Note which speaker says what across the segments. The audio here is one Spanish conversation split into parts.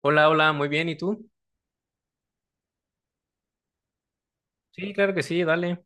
Speaker 1: Hola, hola, muy bien, ¿y tú? Sí, claro que sí, dale.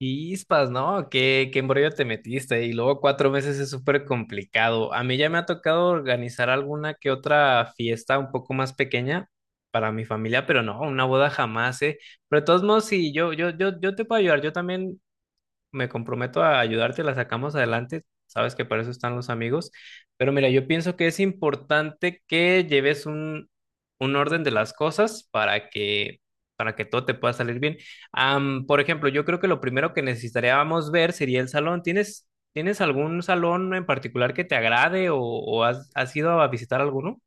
Speaker 1: Chispas, ¿no? ¿Qué embrollo te metiste. Y luego 4 meses es súper complicado. A mí ya me ha tocado organizar alguna que otra fiesta un poco más pequeña para mi familia, pero no, una boda jamás, ¿eh? Pero de todos modos, sí, yo te puedo ayudar. Yo también me comprometo a ayudarte, la sacamos adelante. Sabes que para eso están los amigos. Pero mira, yo pienso que es importante que lleves un orden de las cosas para que todo te pueda salir bien. Por ejemplo, yo creo que lo primero que necesitaríamos ver sería el salón. ¿Tienes algún salón en particular que te agrade o has ido a visitar alguno?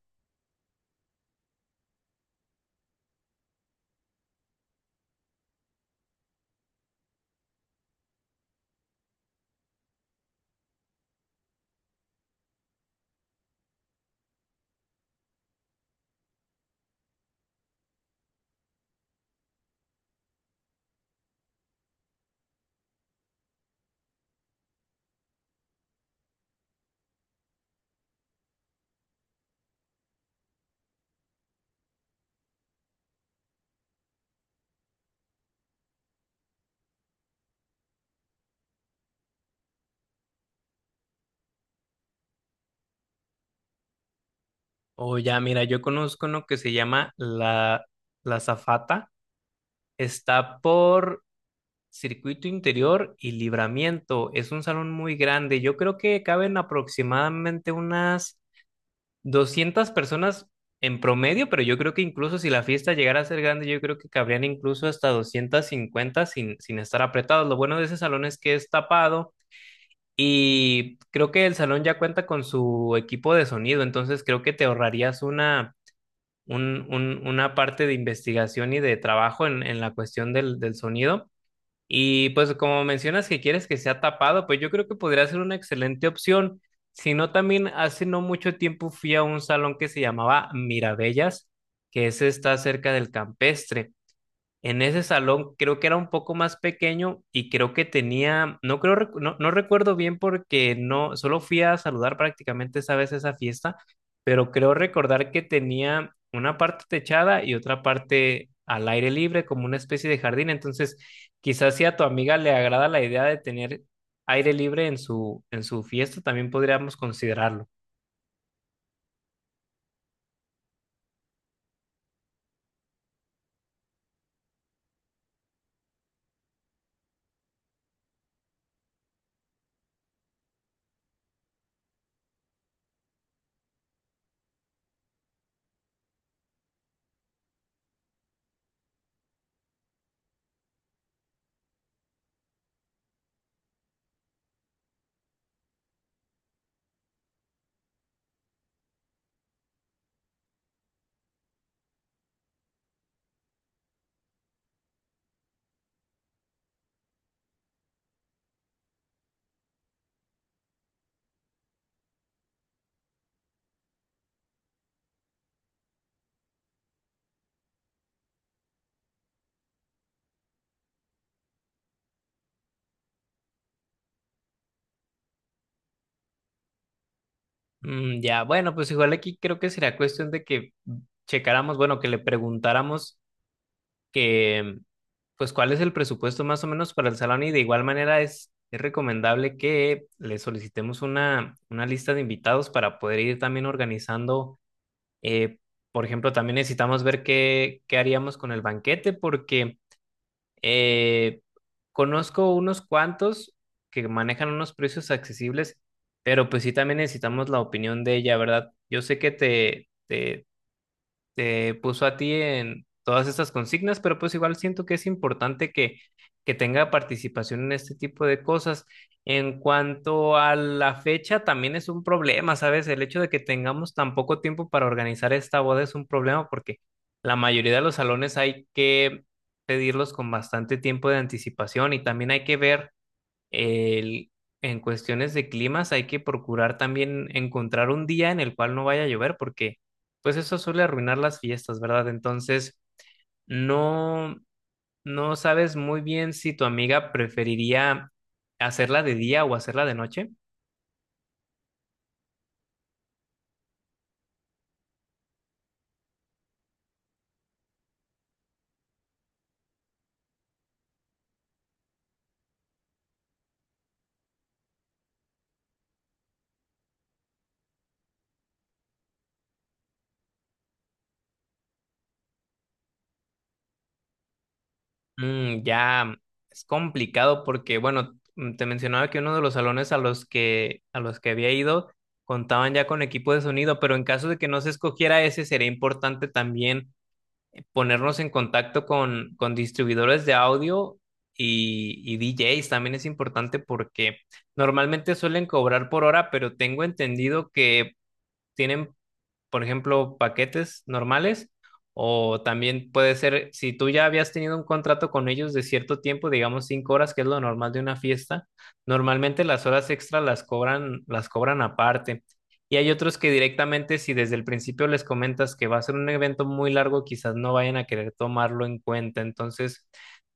Speaker 1: O ya, mira, yo conozco uno que se llama La Zafata. Está por Circuito Interior y Libramiento. Es un salón muy grande. Yo creo que caben aproximadamente unas 200 personas en promedio, pero yo creo que incluso si la fiesta llegara a ser grande, yo creo que cabrían incluso hasta 250 sin estar apretados. Lo bueno de ese salón es que es tapado y creo que el salón ya cuenta con su equipo de sonido, entonces creo que te ahorrarías una parte de investigación y de trabajo en la cuestión del sonido. Y pues como mencionas que quieres que sea tapado, pues yo creo que podría ser una excelente opción. Si no, también hace no mucho tiempo fui a un salón que se llamaba Mirabellas, que ese está cerca del Campestre. En ese salón creo que era un poco más pequeño y creo que tenía, no creo, no, recuerdo bien porque no, solo fui a saludar prácticamente esa vez esa fiesta, pero creo recordar que tenía una parte techada y otra parte al aire libre, como una especie de jardín. Entonces, quizás si a tu amiga le agrada la idea de tener aire libre en su fiesta, también podríamos considerarlo. Mm, ya, bueno, pues igual aquí creo que será cuestión de que checáramos, bueno, que le preguntáramos que, pues, cuál es el presupuesto más o menos para el salón y de igual manera es recomendable que le solicitemos una lista de invitados para poder ir también organizando. eh, por ejemplo, también necesitamos ver qué, qué haríamos con el banquete porque eh, conozco unos cuantos que manejan unos precios accesibles, pero pues sí también necesitamos la opinión de ella, ¿verdad? Yo sé que te puso a ti en todas estas consignas, pero pues igual siento que es importante que tenga participación en este tipo de cosas. En cuanto a la fecha, también es un problema, ¿sabes? El hecho de que tengamos tan poco tiempo para organizar esta boda es un problema porque la mayoría de los salones hay que pedirlos con bastante tiempo de anticipación y también hay que ver el- en cuestiones de climas hay que procurar también encontrar un día en el cual no vaya a llover porque pues eso suele arruinar las fiestas, ¿verdad? Entonces, no, no sabes muy bien si tu amiga preferiría hacerla de día o hacerla de noche. Mm, ya es complicado porque, bueno, mm, te mencionaba que uno de los salones a los que había ido contaban ya con equipo de sonido, pero en caso de que no se escogiera ese, sería importante también ponernos en contacto con distribuidores de audio y DJs también es importante porque normalmente suelen cobrar por hora, pero tengo entendido que tienen por ejemplo, paquetes normales. O también puede ser, si tú ya habías tenido un contrato con ellos de cierto tiempo, digamos 5 horas, que es lo normal de una fiesta, normalmente las horas extras las cobran aparte. Y hay otros que directamente, si desde el principio les comentas que va a ser un evento muy largo, quizás no vayan a querer tomarlo en cuenta. Entonces,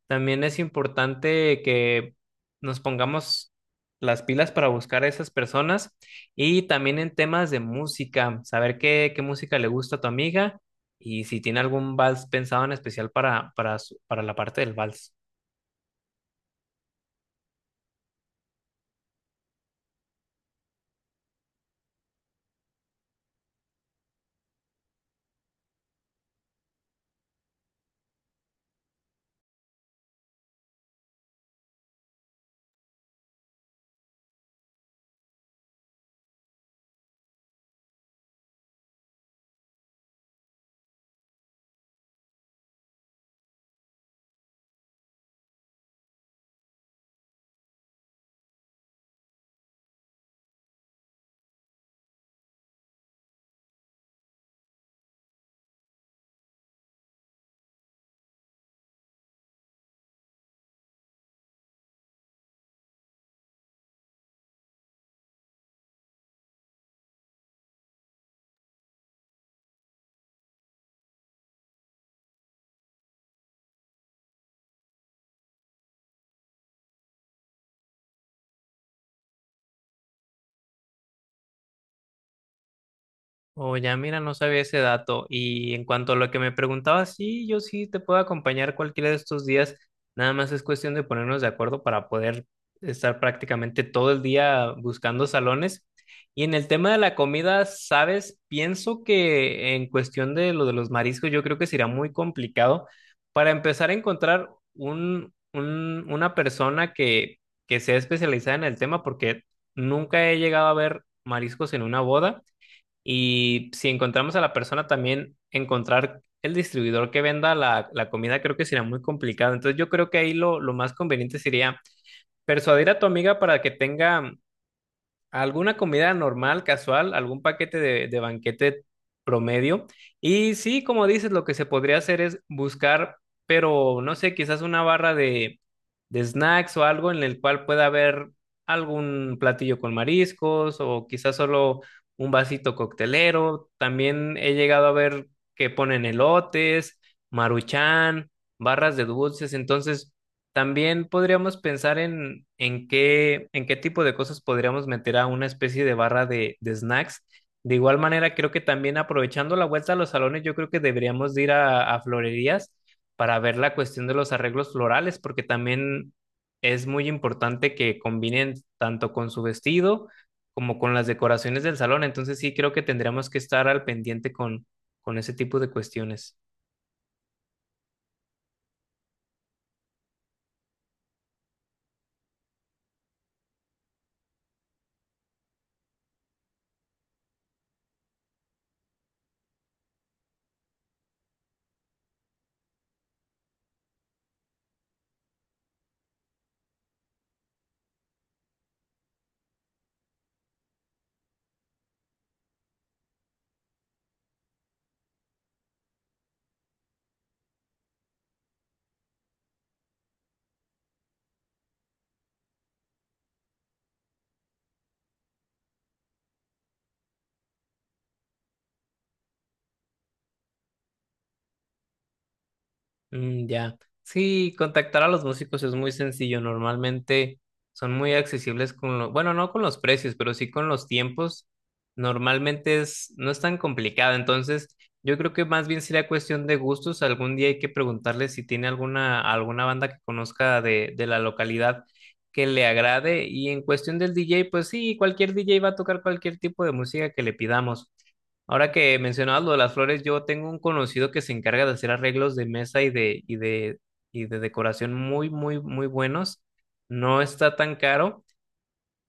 Speaker 1: también es importante que nos pongamos las pilas para buscar a esas personas y también en temas de música, saber qué música le gusta a tu amiga y si tiene algún vals pensado en especial para la parte del vals. Oh, ya mira, no sabía ese dato. Y en cuanto a lo que me preguntabas, sí, yo sí te puedo acompañar cualquiera de estos días. Nada más es cuestión de ponernos de acuerdo para poder estar prácticamente todo el día buscando salones. Y en el tema de la comida, sabes, pienso que en cuestión de lo de los mariscos, yo creo que será muy complicado para empezar a encontrar una persona que sea especializada en el tema, porque nunca he llegado a ver mariscos en una boda. Y si encontramos a la persona, también encontrar el distribuidor que venda la comida creo que será muy complicado. Entonces yo creo que ahí lo más conveniente sería persuadir a tu amiga para que tenga alguna comida normal, casual, algún paquete de banquete promedio. Y sí, como dices, lo que se podría hacer es buscar, pero no sé, quizás una barra de snacks o algo en el cual pueda haber algún platillo con mariscos o quizás solo un vasito coctelero. También he llegado a ver que ponen elotes, maruchan, barras de dulces. Entonces, también podríamos pensar en qué tipo de cosas podríamos meter a una especie de barra de snacks. De igual manera, creo que también aprovechando la vuelta a los salones, yo creo que deberíamos de ir a florerías para ver la cuestión de los arreglos florales, porque también es muy importante que combinen tanto con su vestido como con las decoraciones del salón. Entonces sí, creo que tendríamos que estar al pendiente con ese tipo de cuestiones. Mm, ya. Sí, contactar a los músicos es muy sencillo. Normalmente son muy accesibles con lo, bueno, no con los precios, pero sí con los tiempos. Normalmente es, no es tan complicado. Entonces, yo creo que más bien sería cuestión de gustos. Algún día hay que preguntarle si tiene alguna banda que conozca de la localidad que le agrade. Y en cuestión del DJ, pues sí, cualquier DJ va a tocar cualquier tipo de música que le pidamos. Ahora que mencionabas lo de las flores, yo tengo un conocido que se encarga de hacer arreglos de mesa y de decoración muy, muy, muy buenos. No está tan caro.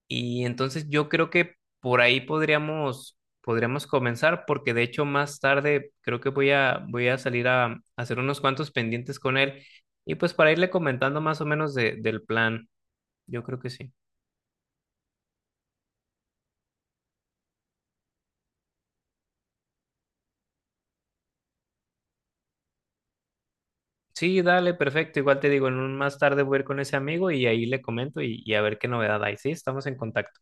Speaker 1: Y entonces yo creo que por ahí podríamos comenzar, porque de hecho más tarde creo que voy a salir hacer unos cuantos pendientes con él. Y pues para irle comentando más o menos del plan, yo creo que sí. Sí, dale, perfecto. Igual te digo, en un más tarde voy a ir con ese amigo y ahí le comento y a ver qué novedad hay. Sí, estamos en contacto.